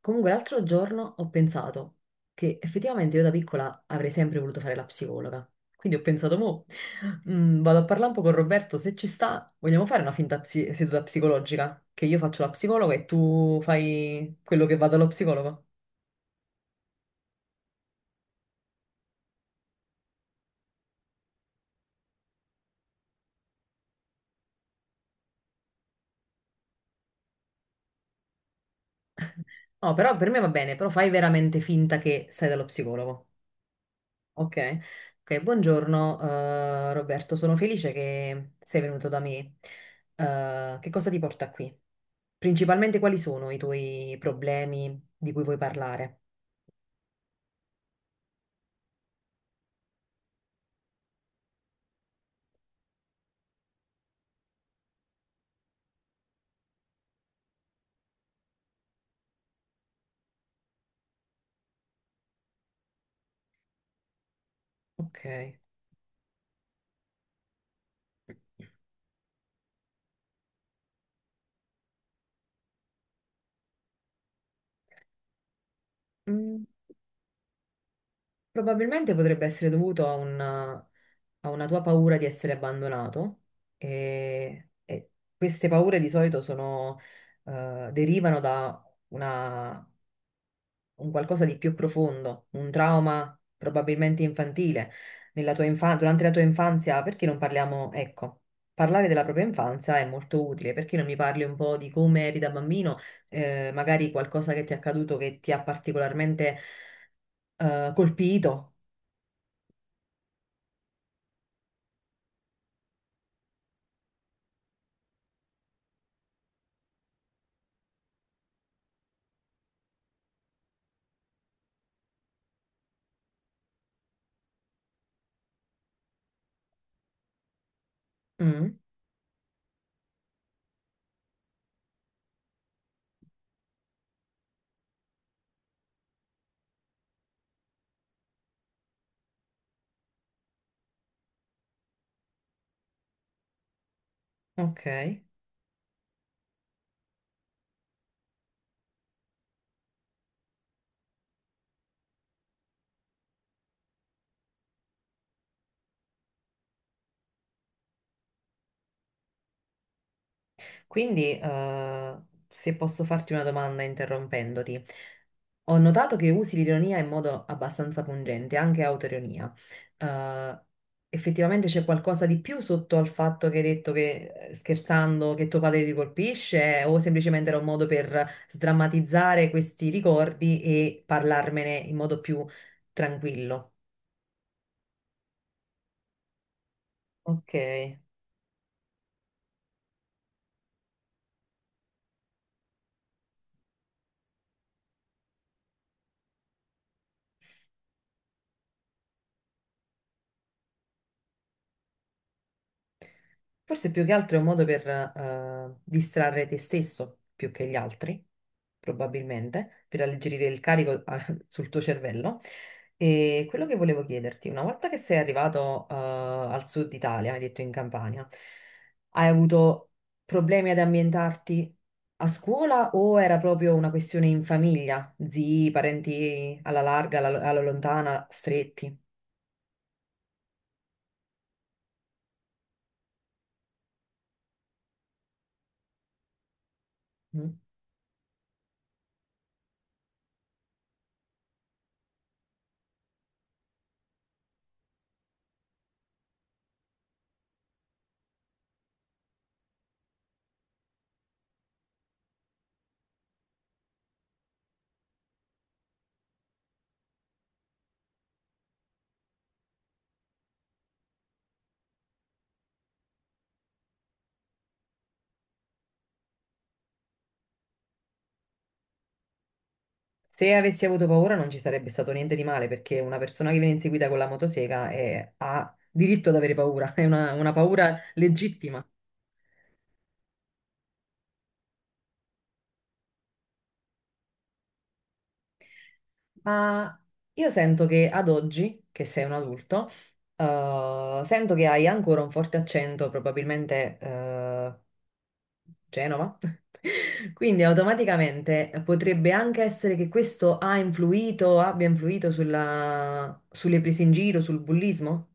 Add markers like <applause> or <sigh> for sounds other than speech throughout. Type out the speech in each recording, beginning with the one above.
Comunque l'altro giorno ho pensato che effettivamente io da piccola avrei sempre voluto fare la psicologa. Quindi ho pensato, mo, vado a parlare un po' con Roberto, se ci sta, vogliamo fare una finta seduta psicologica? Che io faccio la psicologa e tu fai quello che va dallo psicologo? No, però per me va bene, però fai veramente finta che stai dallo psicologo. Ok. Ok, buongiorno, Roberto, sono felice che sei venuto da me. Che cosa ti porta qui? Principalmente quali sono i tuoi problemi di cui vuoi parlare? Ok. Mm, probabilmente potrebbe essere dovuto a una tua paura di essere abbandonato e queste paure di solito sono, derivano da una un qualcosa di più profondo, un trauma probabilmente infantile nella tua infanzia, durante la tua infanzia. Perché non parliamo, ecco, parlare della propria infanzia è molto utile. Perché non mi parli un po' di come eri da bambino, magari qualcosa che ti è accaduto che ti ha particolarmente, colpito? Mm, ok. Quindi, se posso farti una domanda interrompendoti, ho notato che usi l'ironia in modo abbastanza pungente, anche autoironia. Eh, effettivamente c'è qualcosa di più sotto al fatto che hai detto, che scherzando che tuo padre ti colpisce, o semplicemente era un modo per sdrammatizzare questi ricordi e parlarmene in modo più tranquillo? Ok. Forse più che altro è un modo per, distrarre te stesso più che gli altri, probabilmente, per alleggerire il carico <laughs> sul tuo cervello. E quello che volevo chiederti, una volta che sei arrivato, al sud Italia, hai detto in Campania, hai avuto problemi ad ambientarti a scuola o era proprio una questione in famiglia? Zii, parenti alla larga, alla, alla lontana, stretti? Mm? Se avessi avuto paura non ci sarebbe stato niente di male, perché una persona che viene inseguita con la motosega ha diritto ad avere paura, <laughs> è una paura legittima. Ma io sento che ad oggi, che sei un adulto, sento che hai ancora un forte accento, probabilmente, Genova. <laughs> Quindi automaticamente potrebbe anche essere che questo ha influito, abbia influito sulle prese in giro, sul bullismo?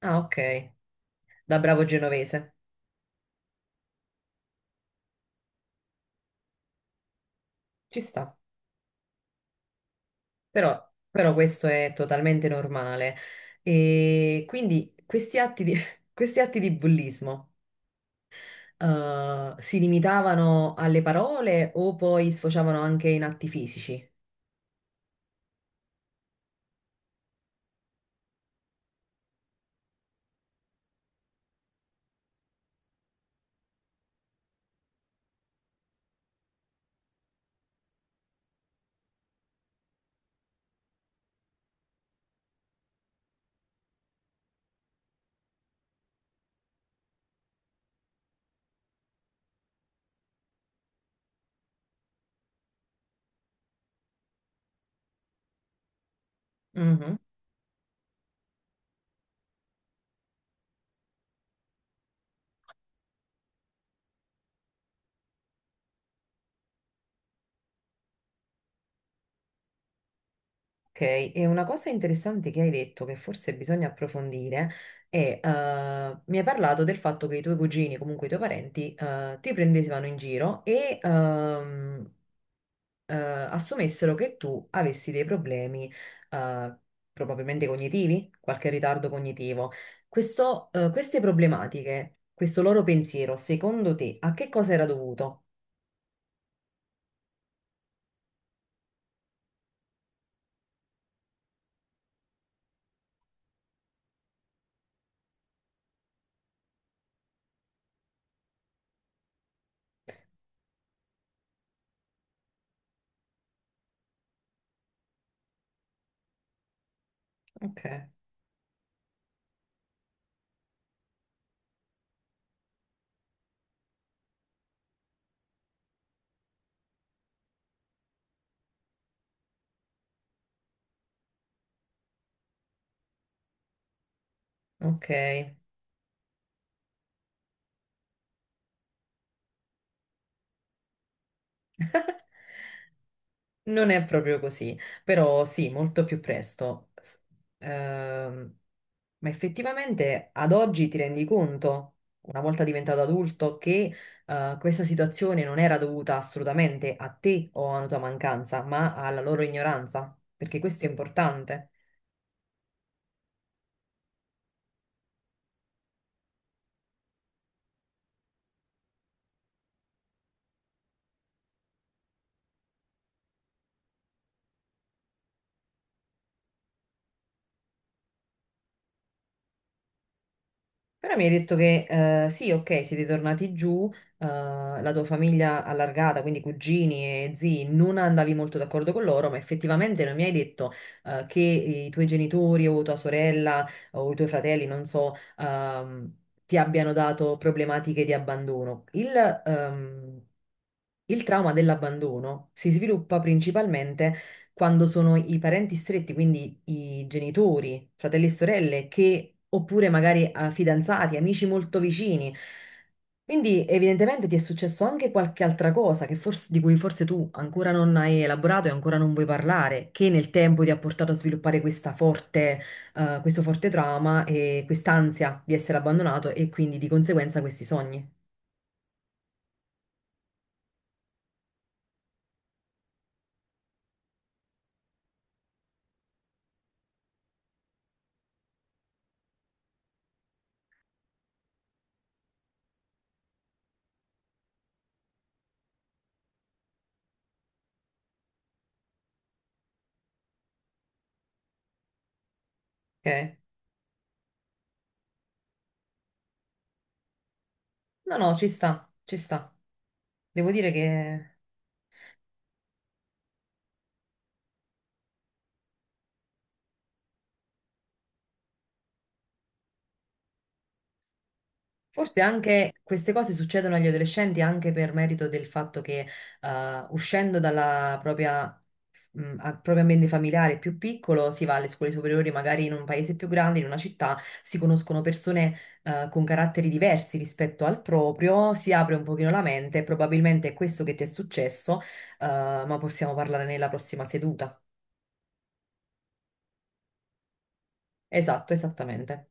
Ah, ok, da bravo genovese. Ci sta, però, però questo è totalmente normale. E quindi questi atti di, <laughs> questi atti di bullismo, si limitavano alle parole o poi sfociavano anche in atti fisici? Mhm. Ok, e una cosa interessante che hai detto, che forse bisogna approfondire, è, mi hai parlato del fatto che i tuoi cugini, comunque i tuoi parenti, ti prendevano in giro e, assumessero che tu avessi dei problemi, eh, probabilmente cognitivi, qualche ritardo cognitivo. Questo, queste problematiche, questo loro pensiero, secondo te, a che cosa era dovuto? Ok, ok. Non è proprio così, però sì, molto più presto. Ehm, ma effettivamente ad oggi ti rendi conto, una volta diventato adulto, che questa situazione non era dovuta assolutamente a te o a una tua mancanza, ma alla loro ignoranza, perché questo è importante. Però mi hai detto che, sì, ok, siete tornati giù, eh, la tua famiglia allargata, quindi cugini e zii, non andavi molto d'accordo con loro, ma effettivamente non mi hai detto, che i tuoi genitori o tua sorella o i tuoi fratelli, non so, ti abbiano dato problematiche di abbandono. Ehm, il trauma dell'abbandono si sviluppa principalmente quando sono i parenti stretti, quindi i genitori, fratelli e sorelle, che, oppure magari, fidanzati, amici molto vicini. Quindi evidentemente ti è successo anche qualche altra cosa che di cui forse tu ancora non hai elaborato e ancora non vuoi parlare, che nel tempo ti ha portato a sviluppare questa forte, questo forte trauma e quest'ansia di essere abbandonato e quindi di conseguenza questi sogni. Ok? No, no, ci sta, ci sta. Devo dire che forse anche queste cose succedono agli adolescenti anche per merito del fatto che, uscendo dalla propria, proprio ambiente familiare più piccolo si va alle scuole superiori, magari in un paese più grande, in una città, si conoscono persone, con caratteri diversi rispetto al proprio, si apre un pochino la mente, probabilmente è questo che ti è successo, ma possiamo parlare nella prossima seduta. Esatto, esattamente.